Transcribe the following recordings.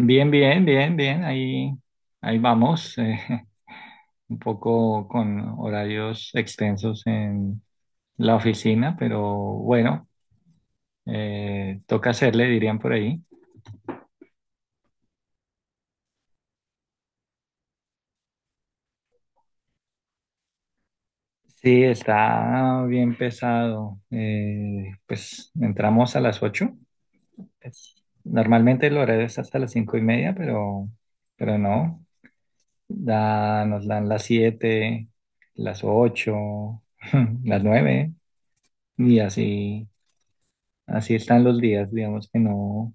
Bien, bien, bien, bien. Ahí, ahí vamos. Un poco con horarios extensos en la oficina, pero bueno, toca hacerle, dirían por ahí. Sí, está bien pesado. Pues entramos a las 8. Pues, normalmente el horario es hasta las 5:30, pero no. Da, nos dan las 7, las 8, las 9 y así. Así están los días, digamos que no, o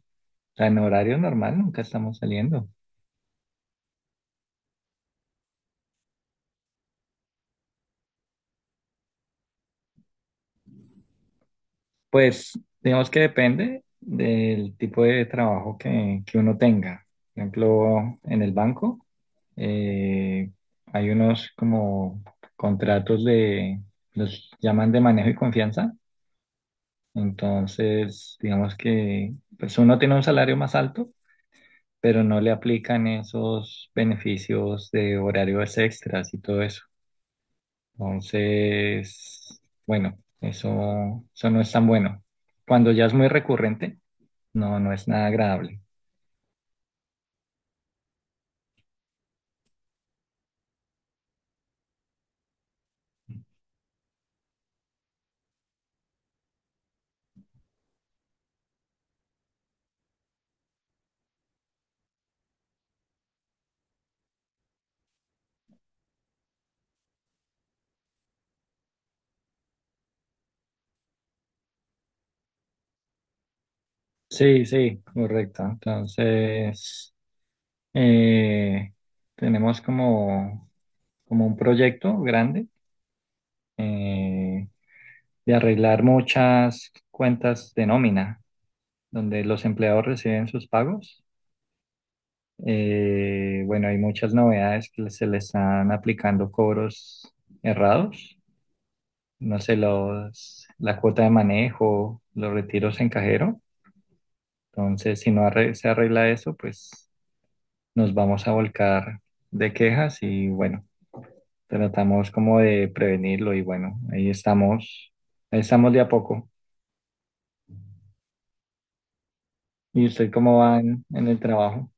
sea, en horario normal nunca estamos saliendo. Pues digamos que depende del tipo de trabajo que uno tenga. Por ejemplo, en el banco eh, hay unos como contratos de, los llaman de manejo y confianza. Entonces, digamos que pues uno tiene un salario más alto, pero no le aplican esos beneficios de horarios extras y todo eso. Entonces, bueno, eso no es tan bueno. Cuando ya es muy recurrente, no es nada agradable. Sí, sí, correcto. Entonces, eh, tenemos como un proyecto grande, eh, de arreglar muchas cuentas de nómina, donde los empleados reciben sus pagos. Bueno, hay muchas novedades que se le están aplicando cobros errados. No sé, la cuota de manejo, los retiros en cajero. Entonces, si no se arregla eso, pues nos vamos a volcar de quejas y bueno, tratamos como de prevenirlo y bueno, ahí estamos de a poco. ¿Y usted cómo va en el trabajo?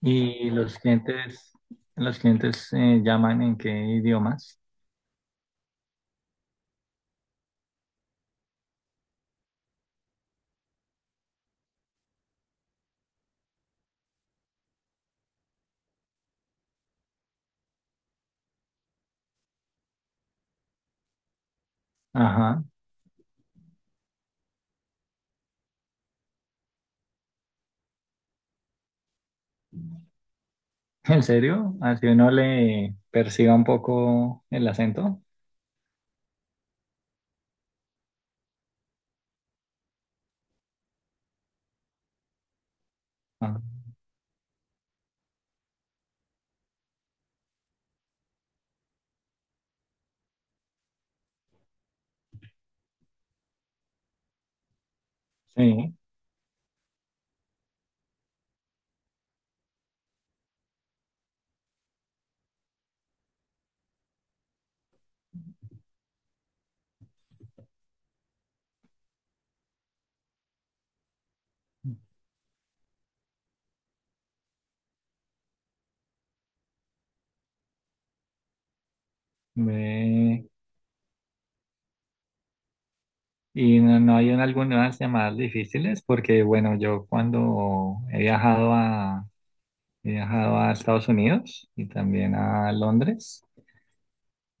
¿Y los clientes llaman en qué idiomas? Ajá, ¿en serio? Así uno le perciba un poco el acento. Ah, sí. Ve. Y no, no hay algunas llamadas difíciles porque, bueno, yo cuando he viajado a Estados Unidos y también a Londres,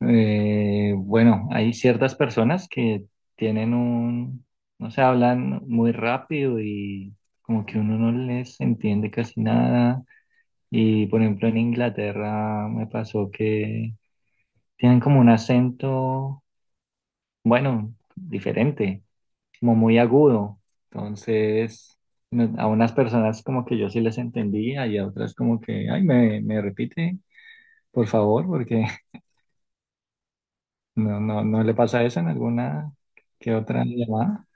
bueno, hay ciertas personas que tienen un, no sé, hablan muy rápido y como que uno no les entiende casi nada. Y, por ejemplo, en Inglaterra me pasó que tienen como un acento, bueno, diferente. Como muy agudo. Entonces, a unas personas como que yo sí les entendía y a otras como que, ay, me repite, por favor, porque no, no, no le pasa eso en alguna que otra llamada.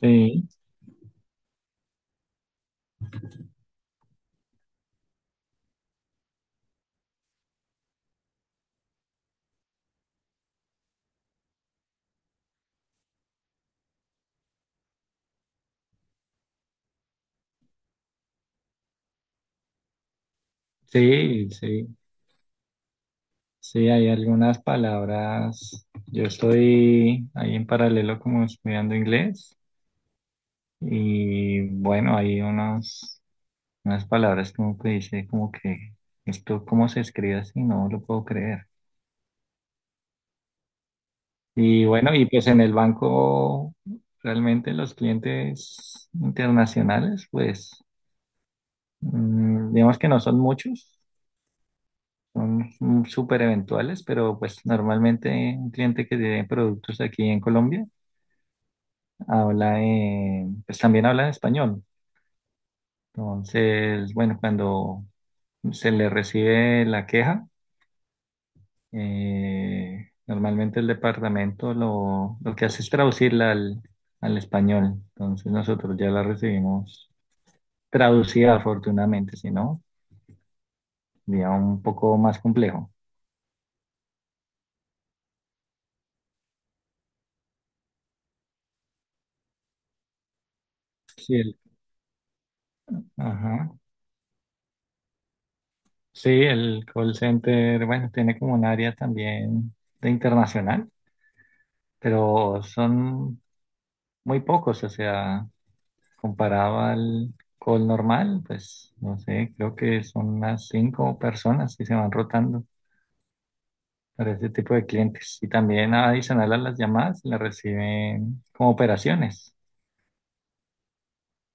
Sí, sí, sí, sí, hay algunas palabras. Yo estoy ahí en paralelo como estudiando inglés y bueno, hay unos, unas palabras como que dice como que esto cómo se escribe así, no lo puedo creer. Y bueno, y pues en el banco realmente los clientes internacionales, pues mm, digamos que no son muchos, son súper eventuales, pero pues normalmente un cliente que tiene productos aquí en Colombia habla, pues también habla en español. Entonces, bueno, cuando se le recibe la queja, normalmente el departamento lo que hace es traducirla al español. Entonces nosotros ya la recibimos traducida afortunadamente, si no, sería un poco más complejo. Sí, el, ajá. Sí, el call center, bueno, tiene como un área también de internacional, pero son muy pocos, o sea, comparado al call normal, pues no sé, creo que son unas 5 personas que se van rotando para ese tipo de clientes. Y también adicional a las llamadas, las reciben como operaciones,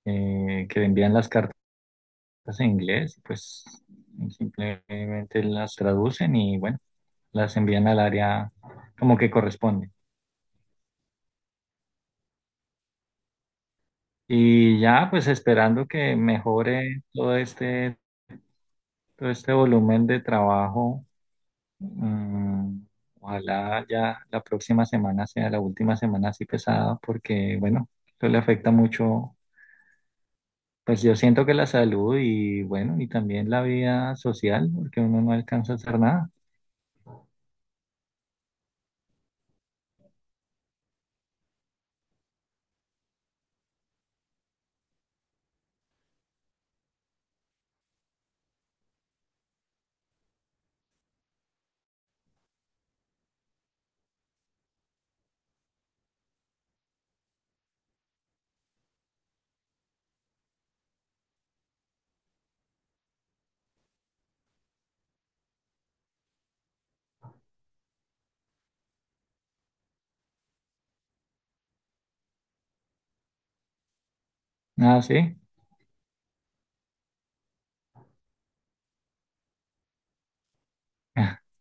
que envían las cartas. Pues, en inglés, pues simplemente las traducen y bueno, las envían al área como que corresponde. Y ya, pues esperando que mejore todo este volumen de trabajo. Mm, ojalá ya la próxima semana sea la última semana así pesada, porque bueno, eso le afecta mucho. Pues yo siento que la salud y bueno, y también la vida social, porque uno no alcanza a hacer nada. Nada, sí.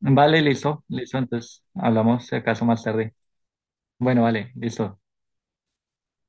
Vale, listo, listo. Entonces hablamos si acaso más tarde. Bueno, vale, listo.